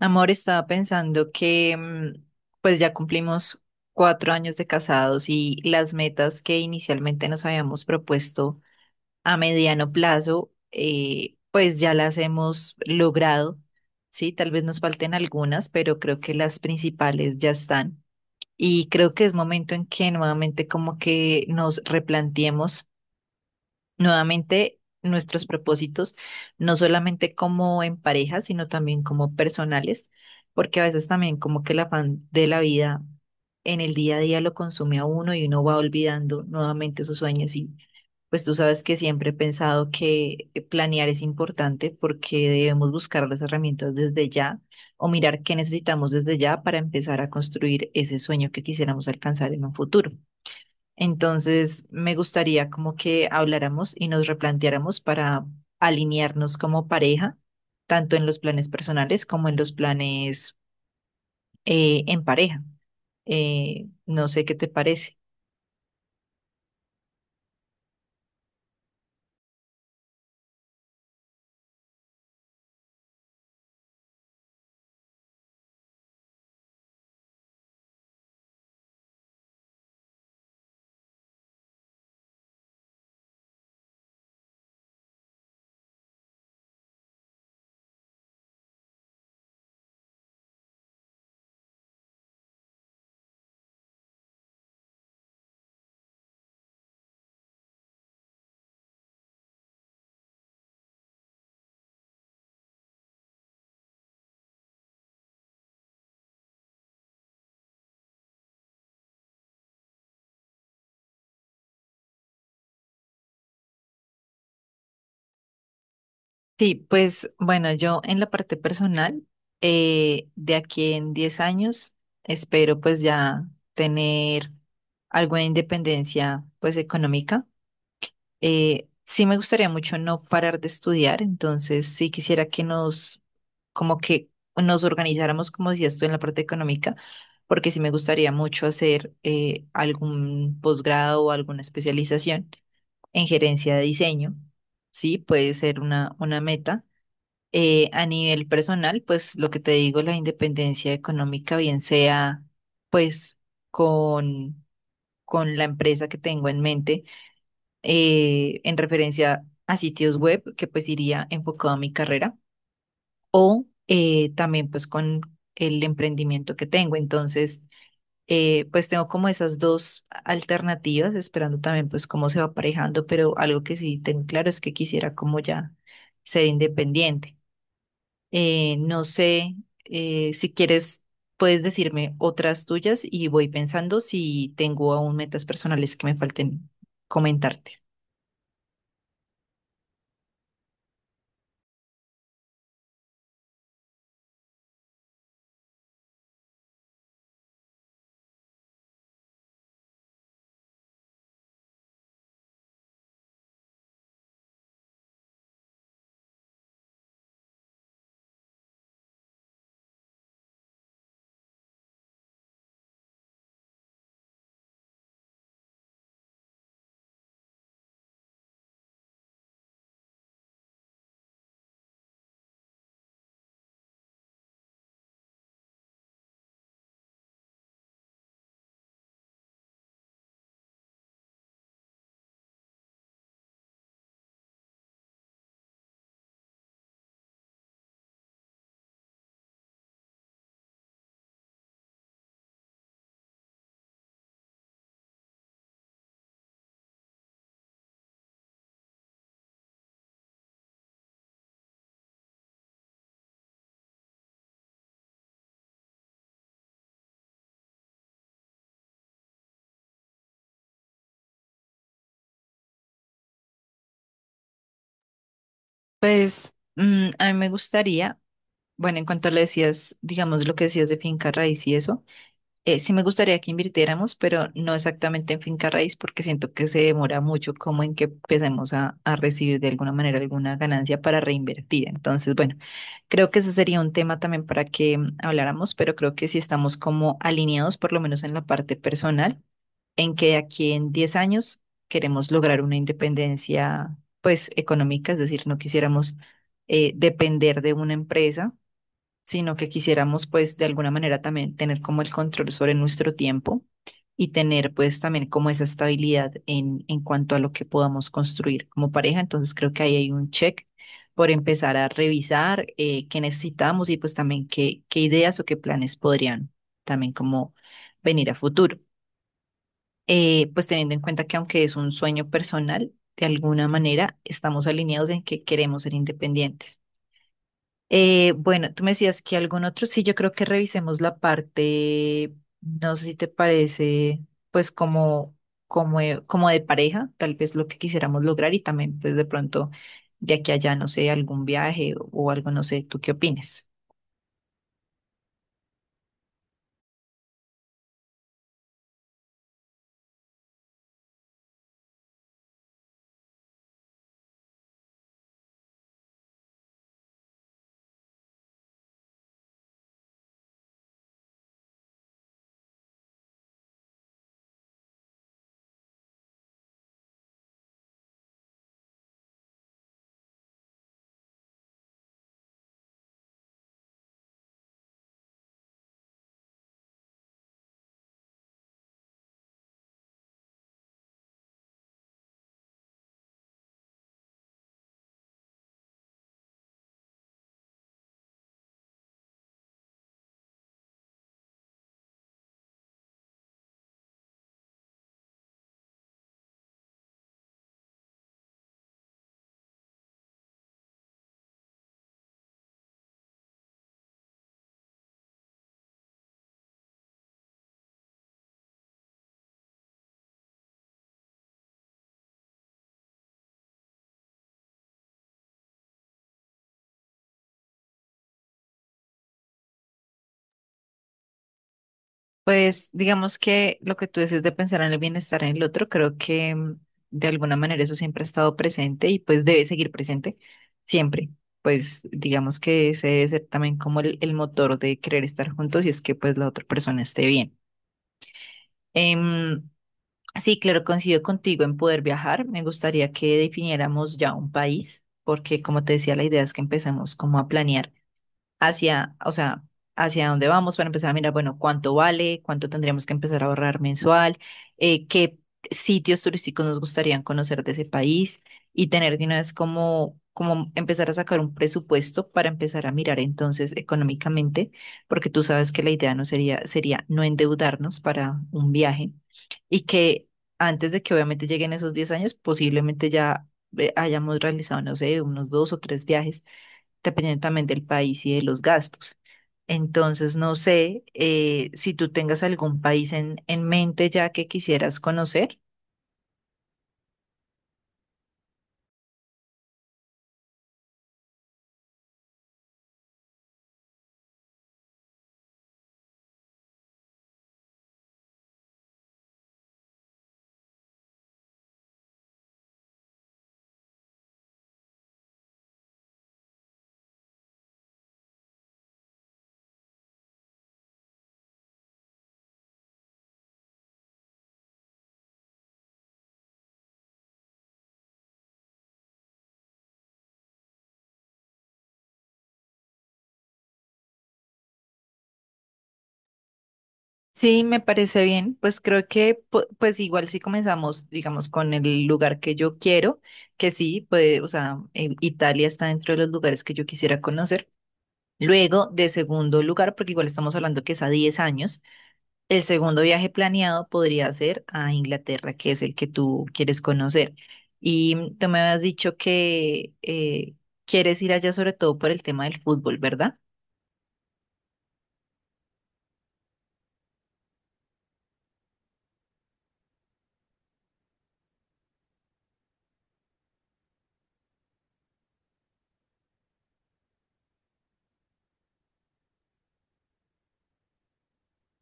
Amor, estaba pensando que pues ya cumplimos 4 años de casados y las metas que inicialmente nos habíamos propuesto a mediano plazo, pues ya las hemos logrado. Sí, tal vez nos falten algunas, pero creo que las principales ya están. Y creo que es momento en que nuevamente como que nos replanteemos nuevamente, nuestros propósitos, no solamente como en pareja, sino también como personales, porque a veces también como que el afán de la vida en el día a día lo consume a uno y uno va olvidando nuevamente sus sueños y pues tú sabes que siempre he pensado que planear es importante porque debemos buscar las herramientas desde ya o mirar qué necesitamos desde ya para empezar a construir ese sueño que quisiéramos alcanzar en un futuro. Entonces, me gustaría como que habláramos y nos replanteáramos para alinearnos como pareja, tanto en los planes personales como en los planes en pareja. No sé qué te parece. Sí, pues bueno, yo en la parte personal, de aquí en 10 años, espero pues ya tener algo de independencia pues económica. Sí me gustaría mucho no parar de estudiar, entonces sí quisiera que nos, como que nos organizáramos, como decías tú, en la parte económica, porque sí me gustaría mucho hacer algún posgrado o alguna especialización en gerencia de diseño. Sí, puede ser una meta. A nivel personal, pues lo que te digo, la independencia económica, bien sea pues con, con la empresa que tengo en mente en referencia a sitios web, que pues iría enfocado a mi carrera, o también pues con el emprendimiento que tengo. Entonces, pues tengo como esas dos alternativas, esperando también pues cómo se va aparejando, pero algo que sí tengo claro es que quisiera como ya ser independiente. No sé si quieres, puedes decirme otras tuyas y voy pensando si tengo aún metas personales que me falten comentarte. Pues a mí me gustaría, bueno, en cuanto le decías, digamos lo que decías de finca raíz y eso, sí me gustaría que invirtiéramos, pero no exactamente en finca raíz porque siento que se demora mucho como en que empecemos a recibir de alguna manera alguna ganancia para reinvertir. Entonces, bueno, creo que ese sería un tema también para que habláramos, pero creo que si estamos como alineados, por lo menos en la parte personal en que de aquí en 10 años queremos lograr una independencia, pues, económica, es decir, no quisiéramos depender de una empresa, sino que quisiéramos, pues, de alguna manera también tener como el control sobre nuestro tiempo y tener, pues, también como esa estabilidad en cuanto a lo que podamos construir como pareja. Entonces, creo que ahí hay un check. Por empezar a revisar qué necesitamos y pues también qué, qué ideas o qué planes podrían también como venir a futuro, pues teniendo en cuenta que aunque es un sueño personal, de alguna manera estamos alineados en que queremos ser independientes. Bueno, tú me decías que algún otro, sí, yo creo que revisemos la parte, no sé si te parece, pues como, como, como de pareja, tal vez lo que quisiéramos lograr y también pues de pronto de aquí a allá, no sé, algún viaje o algo, no sé, ¿tú qué opinas? Pues digamos que lo que tú dices de pensar en el bienestar en el otro, creo que de alguna manera eso siempre ha estado presente y pues debe seguir presente siempre. Pues digamos que ese debe ser también como el motor de querer estar juntos y es que pues la otra persona esté bien. Em, sí, claro, coincido contigo en poder viajar. Me gustaría que definiéramos ya un país, porque como te decía, la idea es que empecemos como a planear hacia, o sea, hacia dónde vamos para empezar a mirar, bueno, cuánto vale, cuánto tendríamos que empezar a ahorrar mensual, qué sitios turísticos nos gustarían conocer de ese país y tener de una vez como, como empezar a sacar un presupuesto para empezar a mirar entonces económicamente, porque tú sabes que la idea no sería, sería no endeudarnos para un viaje y que antes de que obviamente lleguen esos 10 años, posiblemente ya hayamos realizado, no sé, unos 2 o 3 viajes dependiendo también del país y de los gastos. Entonces, no sé si tú tengas algún país en mente ya que quisieras conocer. Sí, me parece bien. Pues creo que, pues igual si comenzamos, digamos, con el lugar que yo quiero, que sí, pues, o sea, Italia está dentro de los lugares que yo quisiera conocer. Luego, de segundo lugar, porque igual estamos hablando que es a 10 años. El segundo viaje planeado podría ser a Inglaterra, que es el que tú quieres conocer. Y tú me habías dicho que quieres ir allá sobre todo por el tema del fútbol, ¿verdad?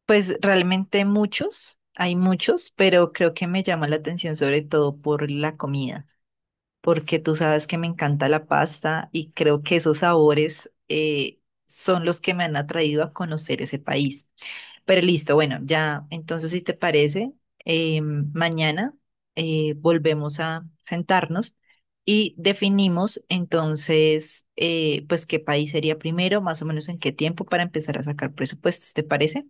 Pues realmente muchos, hay muchos, pero creo que me llama la atención sobre todo por la comida, porque tú sabes que me encanta la pasta y creo que esos sabores son los que me han atraído a conocer ese país. Pero listo, bueno, ya, entonces si te parece, mañana volvemos a sentarnos y definimos entonces, pues qué país sería primero, más o menos en qué tiempo para empezar a sacar presupuestos, ¿te parece?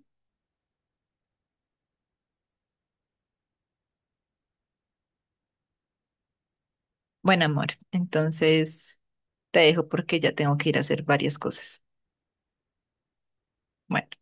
Bueno, amor, entonces te dejo porque ya tengo que ir a hacer varias cosas. Bueno.